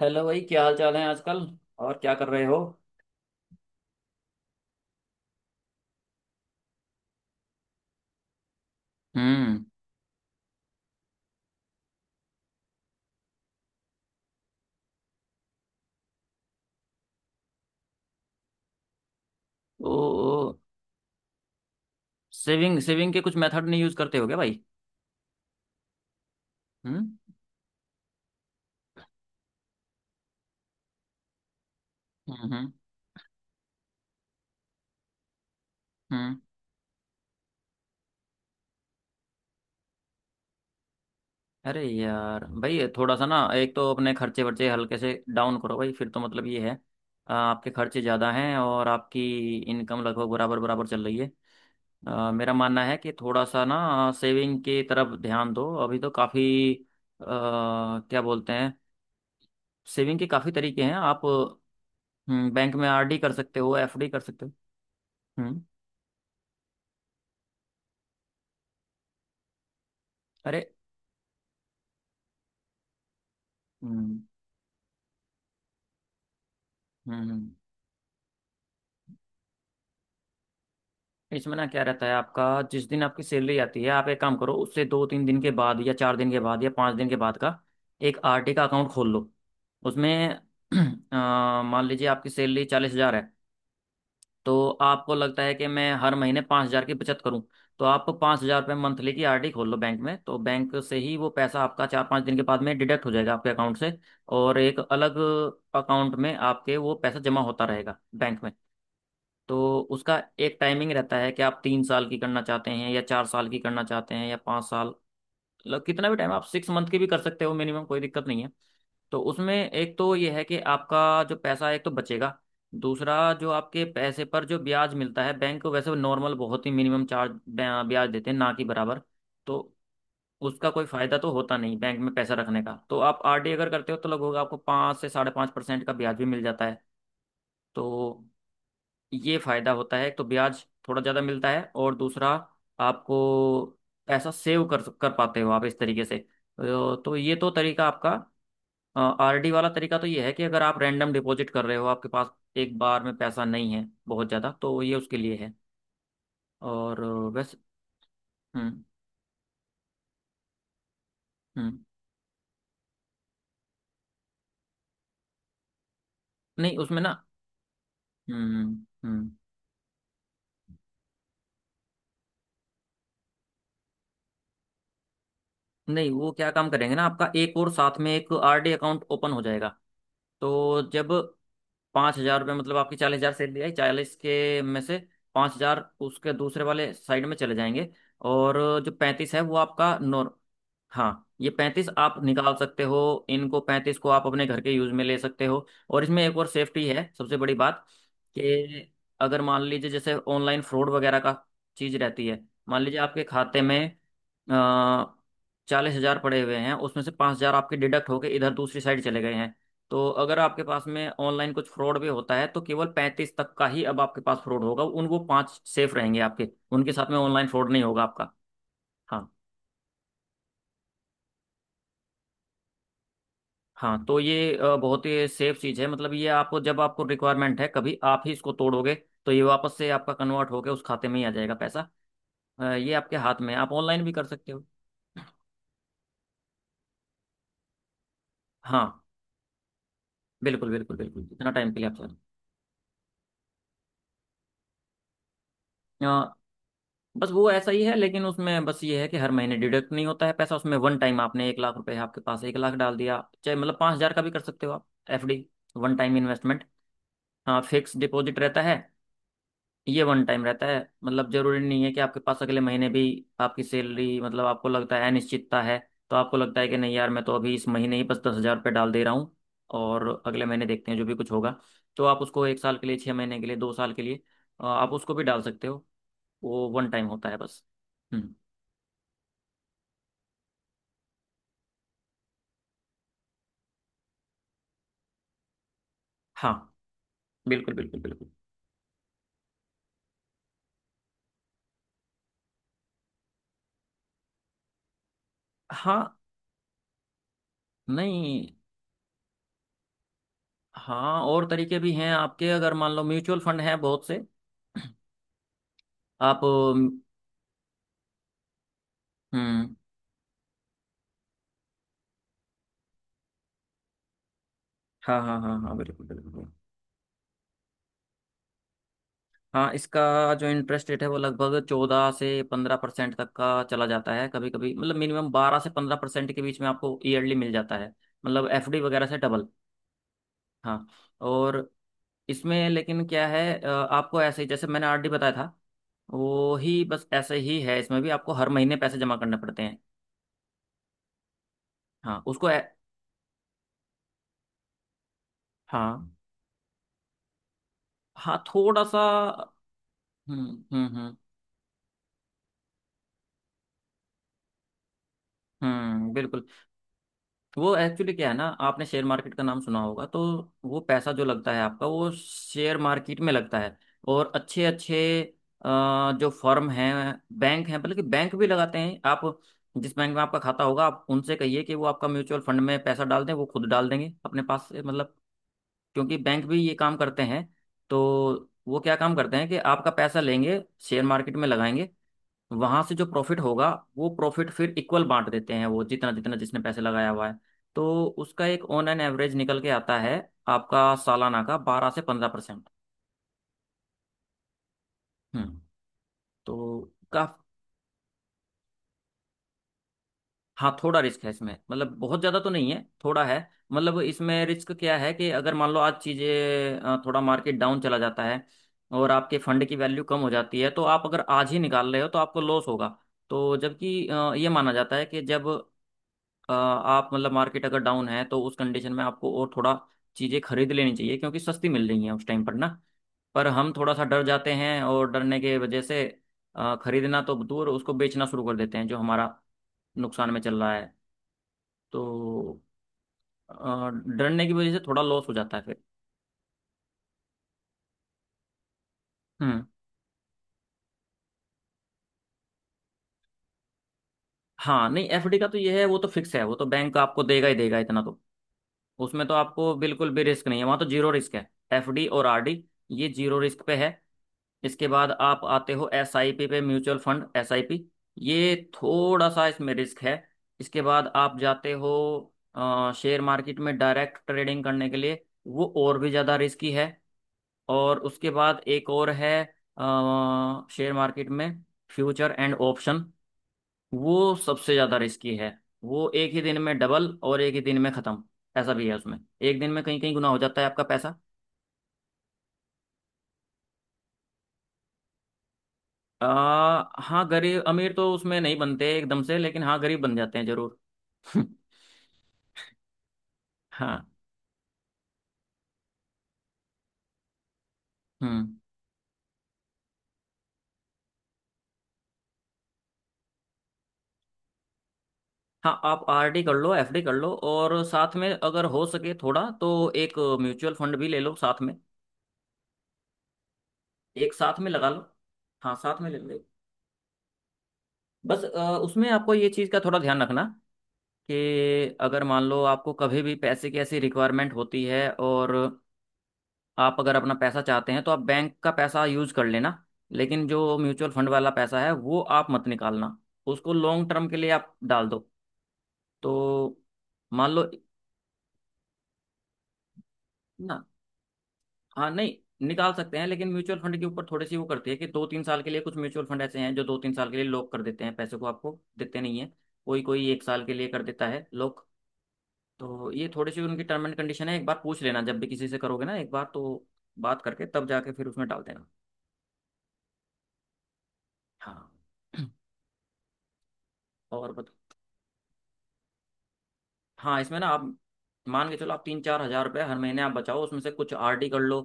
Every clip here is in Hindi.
हेलो भाई, क्या हाल चाल है आजकल? और क्या कर रहे हो? हम्म। ओ। सेविंग सेविंग के कुछ मेथड नहीं यूज करते हो क्या भाई? हम्म, हम्म, हम्म, हम्म। अरे यार भाई, थोड़ा सा ना, एक तो अपने खर्चे वर्चे हल्के से डाउन करो भाई, फिर तो मतलब ये है। आपके खर्चे ज़्यादा हैं और आपकी इनकम लगभग बराबर बराबर चल रही है। मेरा मानना है कि थोड़ा सा ना, सेविंग की तरफ ध्यान दो। अभी तो काफ़ी क्या बोलते हैं, सेविंग के काफ़ी तरीके हैं आप। हम्म, बैंक में आरडी कर सकते हो, एफडी कर सकते हो। हम्म। अरे, हम्म, हम्म, इसमें ना क्या रहता है आपका, जिस दिन आपकी सैलरी आती है, आप एक काम करो, उससे दो तीन दिन के बाद या चार दिन के बाद या पाँच दिन के बाद का एक आरडी का अकाउंट खोल लो। उसमें मान लीजिए आपकी सैलरी 40 हजार है। तो आपको लगता है कि मैं हर महीने 5 हजार की बचत करूं। तो आप 5 हजार रुपये मंथली की आरडी खोल लो बैंक में, तो बैंक से ही वो पैसा आपका चार पाँच दिन के बाद में डिडक्ट हो जाएगा आपके अकाउंट से। और एक अलग अकाउंट में आपके वो पैसा जमा होता रहेगा बैंक में। तो उसका एक टाइमिंग रहता है कि आप तीन साल की करना चाहते हैं या 4 साल की करना चाहते हैं या 5 साल। मतलब कितना भी टाइम, आप 6 मंथ की भी कर सकते हो मिनिमम, कोई दिक्कत नहीं है। तो उसमें एक तो ये है कि आपका जो पैसा एक तो बचेगा। दूसरा, जो आपके पैसे पर जो ब्याज मिलता है, बैंक वैसे नॉर्मल बहुत ही मिनिमम चार्ज ब्याज देते हैं, ना कि बराबर। तो उसका कोई फायदा तो होता नहीं बैंक में पैसा रखने का। तो आप आरडी अगर करते हो तो लगभग आपको 5 से 5.5% का ब्याज भी मिल जाता है। तो ये फायदा होता है, एक तो ब्याज थोड़ा ज़्यादा मिलता है, और दूसरा आपको पैसा सेव कर कर पाते हो आप इस तरीके से। तो ये तो तरीका आपका, आरडी वाला तरीका, तो ये है कि अगर आप रैंडम डिपॉजिट कर रहे हो, आपके पास एक बार में पैसा नहीं है बहुत ज़्यादा, तो ये उसके लिए है। और वैसे हम्म, हम्म, नहीं उसमें ना, हम्म, हम्म, नहीं, वो क्या काम करेंगे ना, आपका एक और साथ में एक आरडी अकाउंट ओपन हो जाएगा। तो जब पाँच हजार रुपये, मतलब आपकी 40 हजार सैलरी आई, चालीस के में से 5 हजार उसके दूसरे वाले साइड में चले जाएंगे, और जो 35 है वो आपका नॉर। हाँ, ये 35 आप निकाल सकते हो, इनको 35 को आप अपने घर के यूज में ले सकते हो, और इसमें एक और सेफ्टी है सबसे बड़ी बात, कि अगर मान लीजिए जैसे ऑनलाइन फ्रॉड वगैरह का चीज रहती है, मान लीजिए आपके खाते में 40 हजार पड़े हुए हैं, उसमें से 5 हजार आपके डिडक्ट होके इधर दूसरी साइड चले गए हैं, तो अगर आपके पास में ऑनलाइन कुछ फ्रॉड भी होता है तो केवल 35 तक का ही अब आपके पास फ्रॉड होगा, उन वो पांच सेफ रहेंगे आपके, उनके साथ में ऑनलाइन फ्रॉड नहीं होगा आपका। हाँ, हाँ, तो ये बहुत ही सेफ चीज़ है, मतलब ये आपको, जब आपको रिक्वायरमेंट है कभी, आप ही इसको तोड़ोगे, तो ये वापस से आपका कन्वर्ट होकर उस खाते में ही आ जाएगा पैसा। ये आपके हाथ में है, आप ऑनलाइन भी कर सकते हो। हाँ, बिल्कुल बिल्कुल बिल्कुल, इतना टाइम के लिए आप। सर, बस वो ऐसा ही है, लेकिन उसमें बस ये है कि हर महीने डिडक्ट नहीं होता है पैसा, उसमें वन टाइम, आपने 1 लाख रुपए, आपके पास 1 लाख डाल दिया, चाहे मतलब 5 हजार का भी कर सकते हो आप एफडी, वन टाइम इन्वेस्टमेंट। हाँ, फिक्स डिपॉजिट रहता है। ये वन टाइम रहता है, मतलब जरूरी नहीं है कि आपके पास अगले महीने भी आपकी सैलरी, मतलब आपको लगता है अनिश्चितता है, तो आपको लगता है कि नहीं यार, मैं तो अभी इस महीने ही बस 10 हजार रुपये डाल दे रहा हूँ, और अगले महीने देखते हैं जो भी कुछ होगा। तो आप उसको एक साल के लिए, 6 महीने के लिए, 2 साल के लिए, आप उसको भी डाल सकते हो। वो वन टाइम होता है बस। हम्म। हाँ, बिल्कुल बिल्कुल बिल्कुल। हाँ, नहीं, हाँ, और तरीके भी हैं आपके, अगर मान लो म्यूचुअल फंड हैं बहुत से। आप, हम्म, हाँ हाँ हाँ हाँ, बिल्कुल बिल्कुल। हाँ, इसका जो इंटरेस्ट रेट है वो लगभग 14 से 15% तक का चला जाता है कभी कभी, मतलब मिनिमम 12 से 15% के बीच में आपको ईयरली मिल जाता है। मतलब एफडी वगैरह से डबल। हाँ। और इसमें लेकिन क्या है, आपको ऐसे ही, जैसे मैंने आरडी बताया था, वो ही बस ऐसे ही है, इसमें भी आपको हर महीने पैसे जमा करने पड़ते हैं। हाँ, उसको हाँ, हाँ, थोड़ा सा। हम्म, हम्म, हम्म, हम्म, बिल्कुल। वो एक्चुअली क्या है ना, आपने शेयर मार्केट का नाम सुना होगा, तो वो पैसा जो लगता है आपका, वो शेयर मार्केट में लगता है। और अच्छे अच्छे जो फर्म हैं, बैंक हैं, बल्कि बैंक भी लगाते हैं। आप जिस बैंक में आपका खाता होगा, आप उनसे कहिए कि वो आपका म्यूचुअल फंड में पैसा डाल दें, वो खुद डाल देंगे अपने पास से, मतलब क्योंकि बैंक भी ये काम करते हैं। तो वो क्या काम करते हैं कि आपका पैसा लेंगे, शेयर मार्केट में लगाएंगे, वहां से जो प्रॉफिट होगा वो प्रॉफिट फिर इक्वल बांट देते हैं वो, जितना जितना जिसने पैसे लगाया हुआ है। तो उसका एक ऑन एन एवरेज निकल के आता है आपका सालाना का 12 से 15%। हम्म। तो का, हाँ, थोड़ा रिस्क है इसमें, मतलब बहुत ज्यादा तो नहीं है, थोड़ा है। मतलब इसमें रिस्क क्या है कि अगर मान लो आज चीजें थोड़ा मार्केट डाउन चला जाता है, और आपके फंड की वैल्यू कम हो जाती है, तो आप अगर आज ही निकाल रहे हो तो आपको लॉस होगा। तो जबकि ये माना जाता है कि जब आप मतलब मार्केट अगर डाउन है, तो उस कंडीशन में आपको और थोड़ा चीज़ें खरीद लेनी चाहिए क्योंकि सस्ती मिल रही हैं उस टाइम पर ना। पर हम थोड़ा सा डर जाते हैं, और डरने के वजह से खरीदना तो दूर, उसको बेचना शुरू कर देते हैं जो हमारा नुकसान में चल रहा है। तो अ, डरने की वजह से थोड़ा लॉस हो जाता है फिर। हम्म। हाँ नहीं, एफडी का तो ये है, वो तो फिक्स है, वो तो बैंक आपको देगा ही देगा इतना तो। उसमें तो आपको बिल्कुल भी रिस्क नहीं है, वहाँ तो जीरो रिस्क है। एफडी और आरडी ये जीरो रिस्क पे है। इसके बाद आप आते हो एसआईपी पे, म्यूचुअल फंड एसआईपी, ये थोड़ा सा इसमें रिस्क है। इसके बाद आप जाते हो शेयर मार्केट में डायरेक्ट ट्रेडिंग करने के लिए, वो और भी ज़्यादा रिस्की है। और उसके बाद एक और है, शेयर मार्केट में फ्यूचर एंड ऑप्शन, वो सबसे ज़्यादा रिस्की है। वो एक ही दिन में डबल और एक ही दिन में ख़त्म। ऐसा भी है उसमें, एक दिन में कहीं कहीं गुना हो जाता है आपका पैसा। आ, हाँ, गरीब अमीर तो उसमें नहीं बनते एकदम से, लेकिन हाँ, गरीब बन जाते हैं जरूर। हाँ। हम्म। हाँ, आप आरडी कर लो, एफडी कर लो, और साथ में अगर हो सके थोड़ा तो एक म्यूचुअल फंड भी ले लो साथ में। एक साथ में लगा लो, हाँ, साथ में ले लो। बस उसमें आपको ये चीज़ का थोड़ा ध्यान रखना, कि अगर मान लो आपको कभी भी पैसे की ऐसी रिक्वायरमेंट होती है, और आप अगर अपना पैसा चाहते हैं तो आप बैंक का पैसा यूज कर लेना, लेकिन जो म्यूचुअल फंड वाला पैसा है वो आप मत निकालना, उसको लॉन्ग टर्म के लिए आप डाल दो। तो मान लो ना, हाँ, नहीं, निकाल सकते हैं, लेकिन म्यूचुअल फंड के ऊपर थोड़ी सी वो करती है कि 2-3 साल के लिए, कुछ म्यूचुअल फंड ऐसे हैं जो 2-3 साल के लिए लॉक कर देते हैं, पैसे को आपको देते नहीं है। कोई कोई एक साल के लिए कर देता है लॉक। तो ये थोड़ी सी उनकी टर्म एंड कंडीशन है, एक बार पूछ लेना जब भी किसी से करोगे ना, एक बार तो बात करके तब जाके फिर उसमें डाल देना। हाँ। और बताओ। हाँ, इसमें ना आप मान के चलो, आप 3-4 हजार रुपये हर महीने आप बचाओ, उसमें से कुछ आरडी कर लो,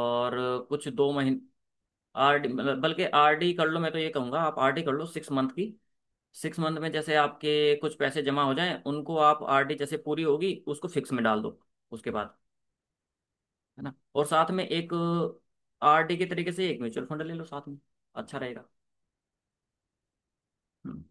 और कुछ दो महीने आरडी, बल्कि आरडी कर लो, मैं तो ये कहूँगा, आप आरडी कर लो 6 मंथ की। 6 मंथ में जैसे आपके कुछ पैसे जमा हो जाएं, उनको आप आरडी जैसे पूरी होगी उसको फिक्स में डाल दो उसके बाद, है ना? और साथ में एक आरडी के तरीके से एक म्यूचुअल फंड ले लो साथ में, अच्छा रहेगा। हम्म।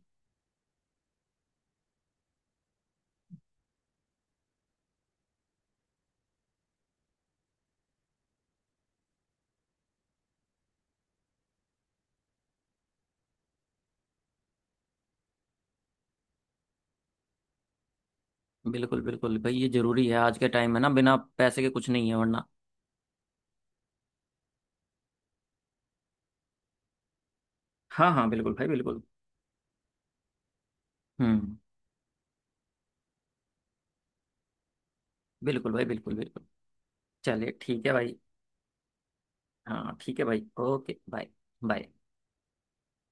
बिल्कुल बिल्कुल भाई, ये जरूरी है आज के टाइम में ना, बिना पैसे के कुछ नहीं है वरना। हाँ हाँ, बिल्कुल भाई, बिल्कुल। हम्म। बिल्कुल भाई, बिल्कुल बिल्कुल। चलिए, ठीक है भाई। हाँ, ठीक है भाई, ओके बाय। बाय।